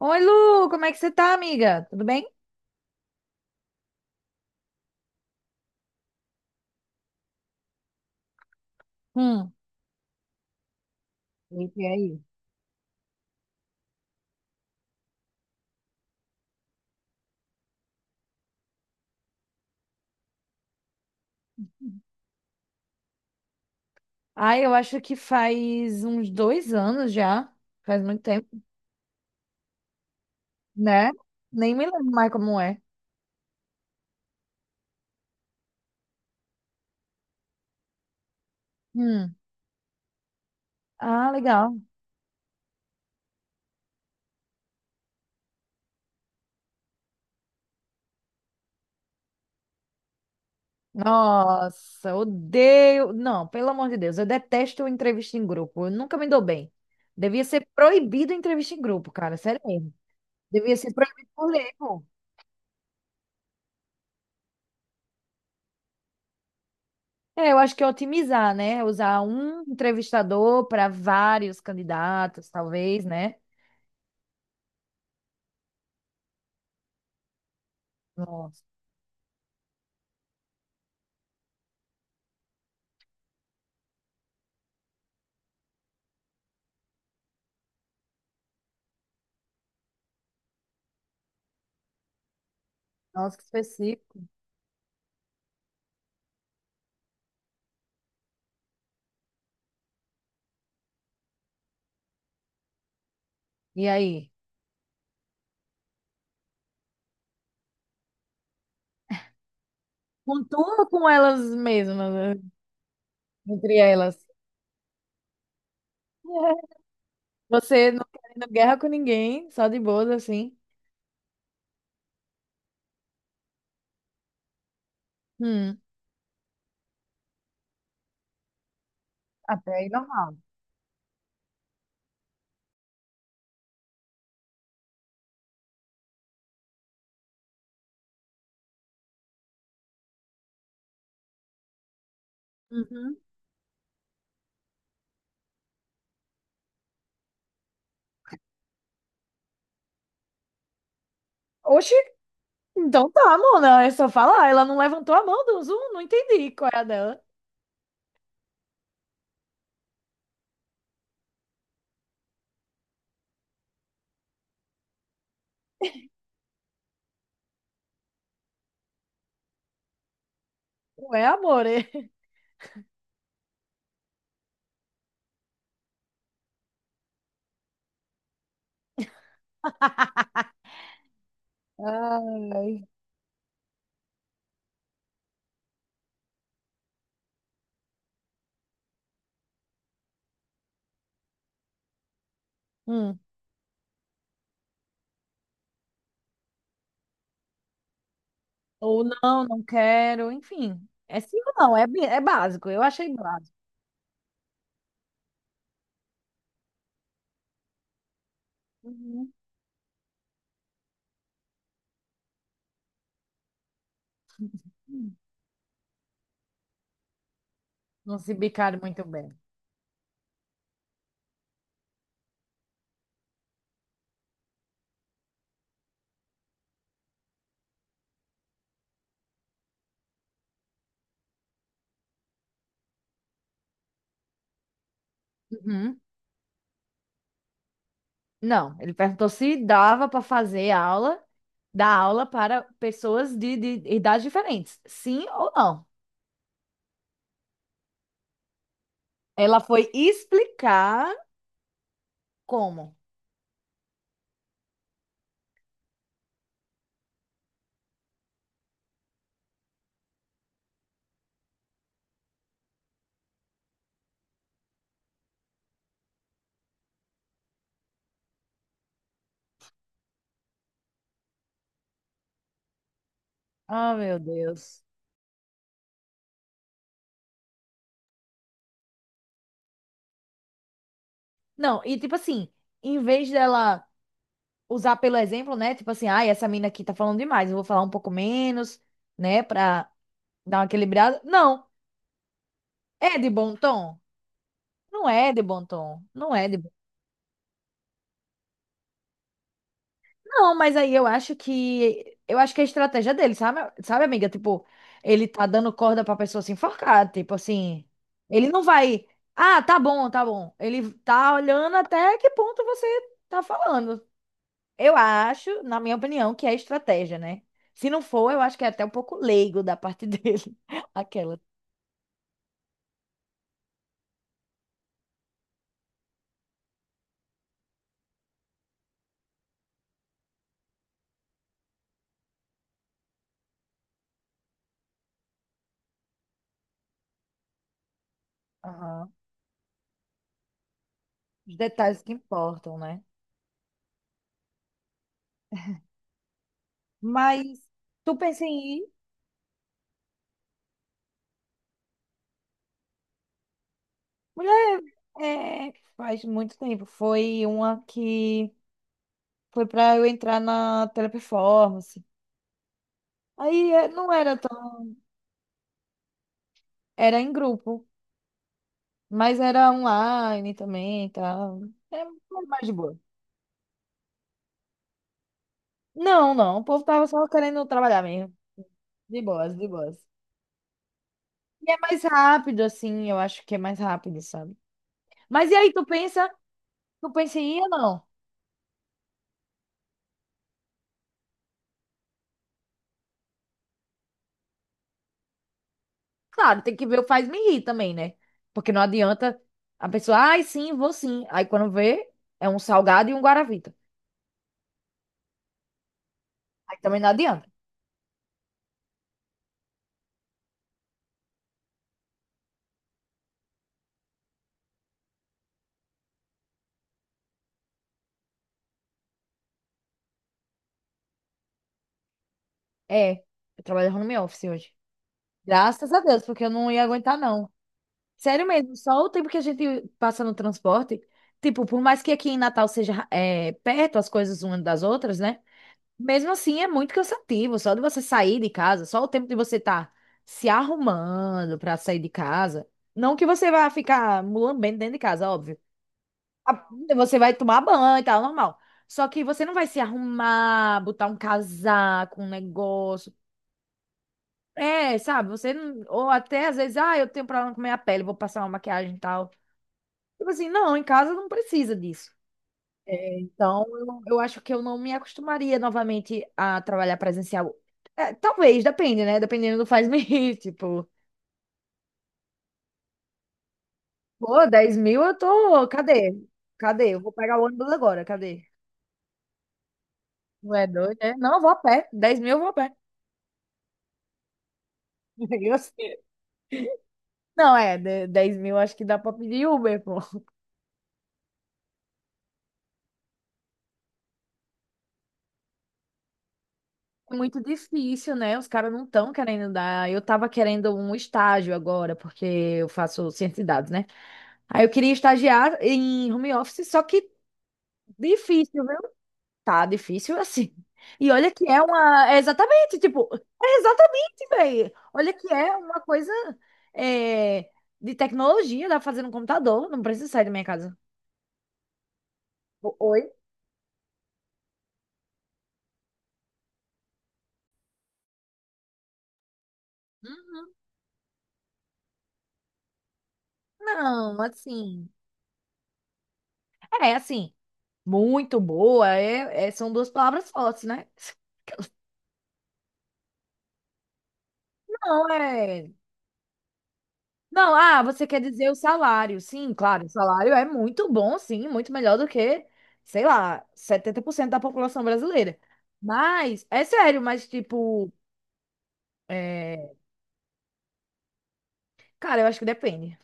Oi, Lu, como é que você tá, amiga? Tudo bem? Hum. E aí? Ai, eu acho que faz uns 2 anos já. Faz muito tempo, né? Nem me lembro mais como é. Hum. Ah, legal. Nossa, odeio. Não, pelo amor de Deus, eu detesto entrevista em grupo. Eu nunca me dou bem. Devia ser proibido entrevista em grupo, cara, sério mesmo. Devia ser proibido por lei, pô. É, eu acho que é otimizar, né? Usar um entrevistador para vários candidatos, talvez, né? Nossa, nossa, que específico. E aí? Com com elas mesmas, né? Entre elas? Você não querendo guerra com ninguém, só de boas assim. Hum. Até aí normal. Uhum. Oxi, então tá, Mona. É só falar. Ela não levantou a mão do Zoom, não entendi qual é a dela. Não é amor. É? Ai. Hum. Ou não, não quero, enfim. É sim ou não, é, é básico. Eu achei básico. Uhum. Não se bicaram muito bem. Uhum. Não, ele perguntou se dava para fazer aula, dar aula para pessoas de idades diferentes. Sim ou não? Ela foi explicar como. Ah, meu Deus. Não, e tipo assim, em vez dela usar pelo exemplo, né? Tipo assim, ai, essa mina aqui tá falando demais, eu vou falar um pouco menos, né? Pra dar uma equilibrada. Não, é de bom tom? Não é de bom tom. Não é de... Não, mas aí eu acho que é a estratégia dele, sabe, sabe, amiga? Tipo, ele tá dando corda pra pessoa se enforcar, tipo assim, ele não vai, ah, tá bom, tá bom. Ele tá olhando até que ponto você tá falando. Eu acho, na minha opinião, que é estratégia, né? Se não for, eu acho que é até um pouco leigo da parte dele, aquela. Aham. Os detalhes que importam, né? Mas tu pensa em ir? Mulher, é, faz muito tempo. Foi uma que... Foi pra eu entrar na teleperformance. Aí é, não era tão. Era em grupo, mas era online também e tal. Era mais de boa. Não, não. O povo tava só querendo trabalhar mesmo. De boas, de boas. E é mais rápido, assim, eu acho que é mais rápido, sabe? Mas e aí, tu pensa em ir ou não? Claro, tem que ver o faz-me rir também, né? Porque não adianta a pessoa, ai, sim, vou sim. Aí quando vê, é um salgado e um guaravita. Aí também não adianta. É, eu trabalho no home office hoje. Graças a Deus, porque eu não ia aguentar, não. Sério mesmo, só o tempo que a gente passa no transporte. Tipo, por mais que aqui em Natal seja perto as coisas umas das outras, né? Mesmo assim, é muito cansativo. Só de você sair de casa, só o tempo de você estar se arrumando pra sair de casa. Não que você vá ficar mulambendo dentro de casa, óbvio. A- Você vai tomar banho e tal, normal. Só que você não vai se arrumar, botar um casaco, um negócio é, sabe, você não. Ou até às vezes, ah, eu tenho problema com minha pele, vou passar uma maquiagem e tal. Tipo assim, não, em casa não precisa disso. É, então, eu acho que eu não me acostumaria novamente a trabalhar presencial. É, talvez, depende, né? Dependendo do faz-me tipo, pô, 10 mil eu tô. Cadê? Cadê? Eu vou pegar o ônibus agora, cadê? Não é doido, né? Não, eu vou a pé. 10 mil eu vou a pé. Eu sei. Não, é, 10 mil acho que dá pra pedir Uber, pô. Muito difícil, né? Os caras não estão querendo dar. Eu tava querendo um estágio agora, porque eu faço ciência de dados, né? Aí eu queria estagiar em home office, só que difícil, viu? Tá difícil assim. E olha que é uma. É exatamente, tipo, é exatamente, velho. Olha que é uma coisa é, de tecnologia, dá pra fazer no computador, não precisa sair da minha casa. Oi? Hum. Não, assim. É, assim, muito boa, é, são duas palavras fortes, né? Não, é. Não, ah, você quer dizer o salário. Sim, claro, o salário é muito bom, sim, muito melhor do que, sei lá, 70% da população brasileira. Mas, é sério, mas tipo, é, cara, eu acho que depende.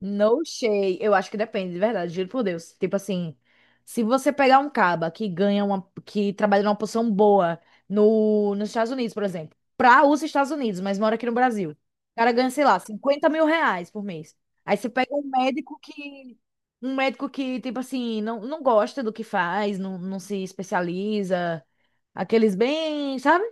No shade. Eu acho que depende, de verdade, juro por Deus. Tipo assim, se você pegar um caba que ganha uma, que trabalha numa posição boa no, nos Estados Unidos, por exemplo, pra os Estados Unidos, mas mora aqui no Brasil, o cara ganha, sei lá, 50 mil reais por mês. Aí você pega um médico que, tipo assim, não, não gosta do que faz, não, não se especializa, aqueles bem, sabe?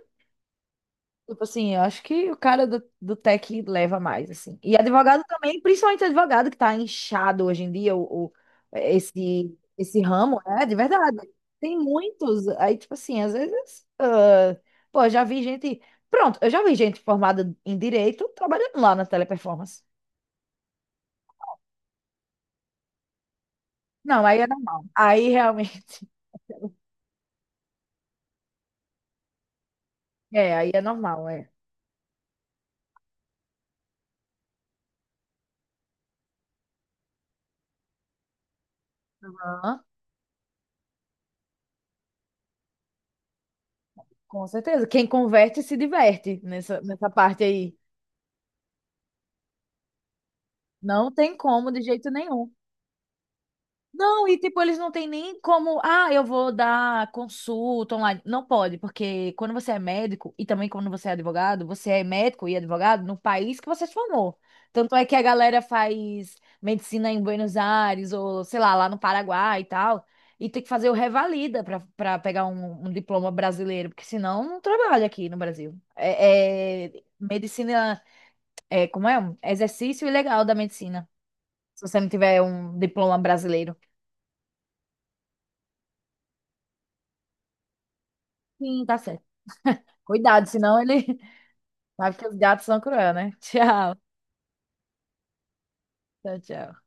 Tipo assim, eu acho que o cara do tech leva mais, assim. E advogado também, principalmente advogado que tá inchado hoje em dia, é, esse ramo, é, de verdade. Tem muitos, aí, tipo assim, às vezes, ah, pô, já vi gente, pronto, eu já vi gente formada em direito trabalhando lá na teleperformance. Não, aí é normal. Aí realmente, é, aí é normal, é. Aham, com certeza. Quem converte se diverte nessa parte aí. Não tem como de jeito nenhum. Não, e tipo, eles não têm nem como, ah, eu vou dar consulta online. Não pode, porque quando você é médico e também quando você é advogado, você é médico e advogado no país que você se formou. Tanto é que a galera faz medicina em Buenos Aires ou, sei lá, lá no Paraguai e tal, e tem que fazer o revalida para pegar um diploma brasileiro, porque senão não trabalha aqui no Brasil. é medicina, é, como é? Um exercício ilegal da medicina, se você não tiver um diploma brasileiro. Sim, tá certo. Cuidado, senão ele vai porque os gatos são cruel, né? Tchau. Tchau, tchau.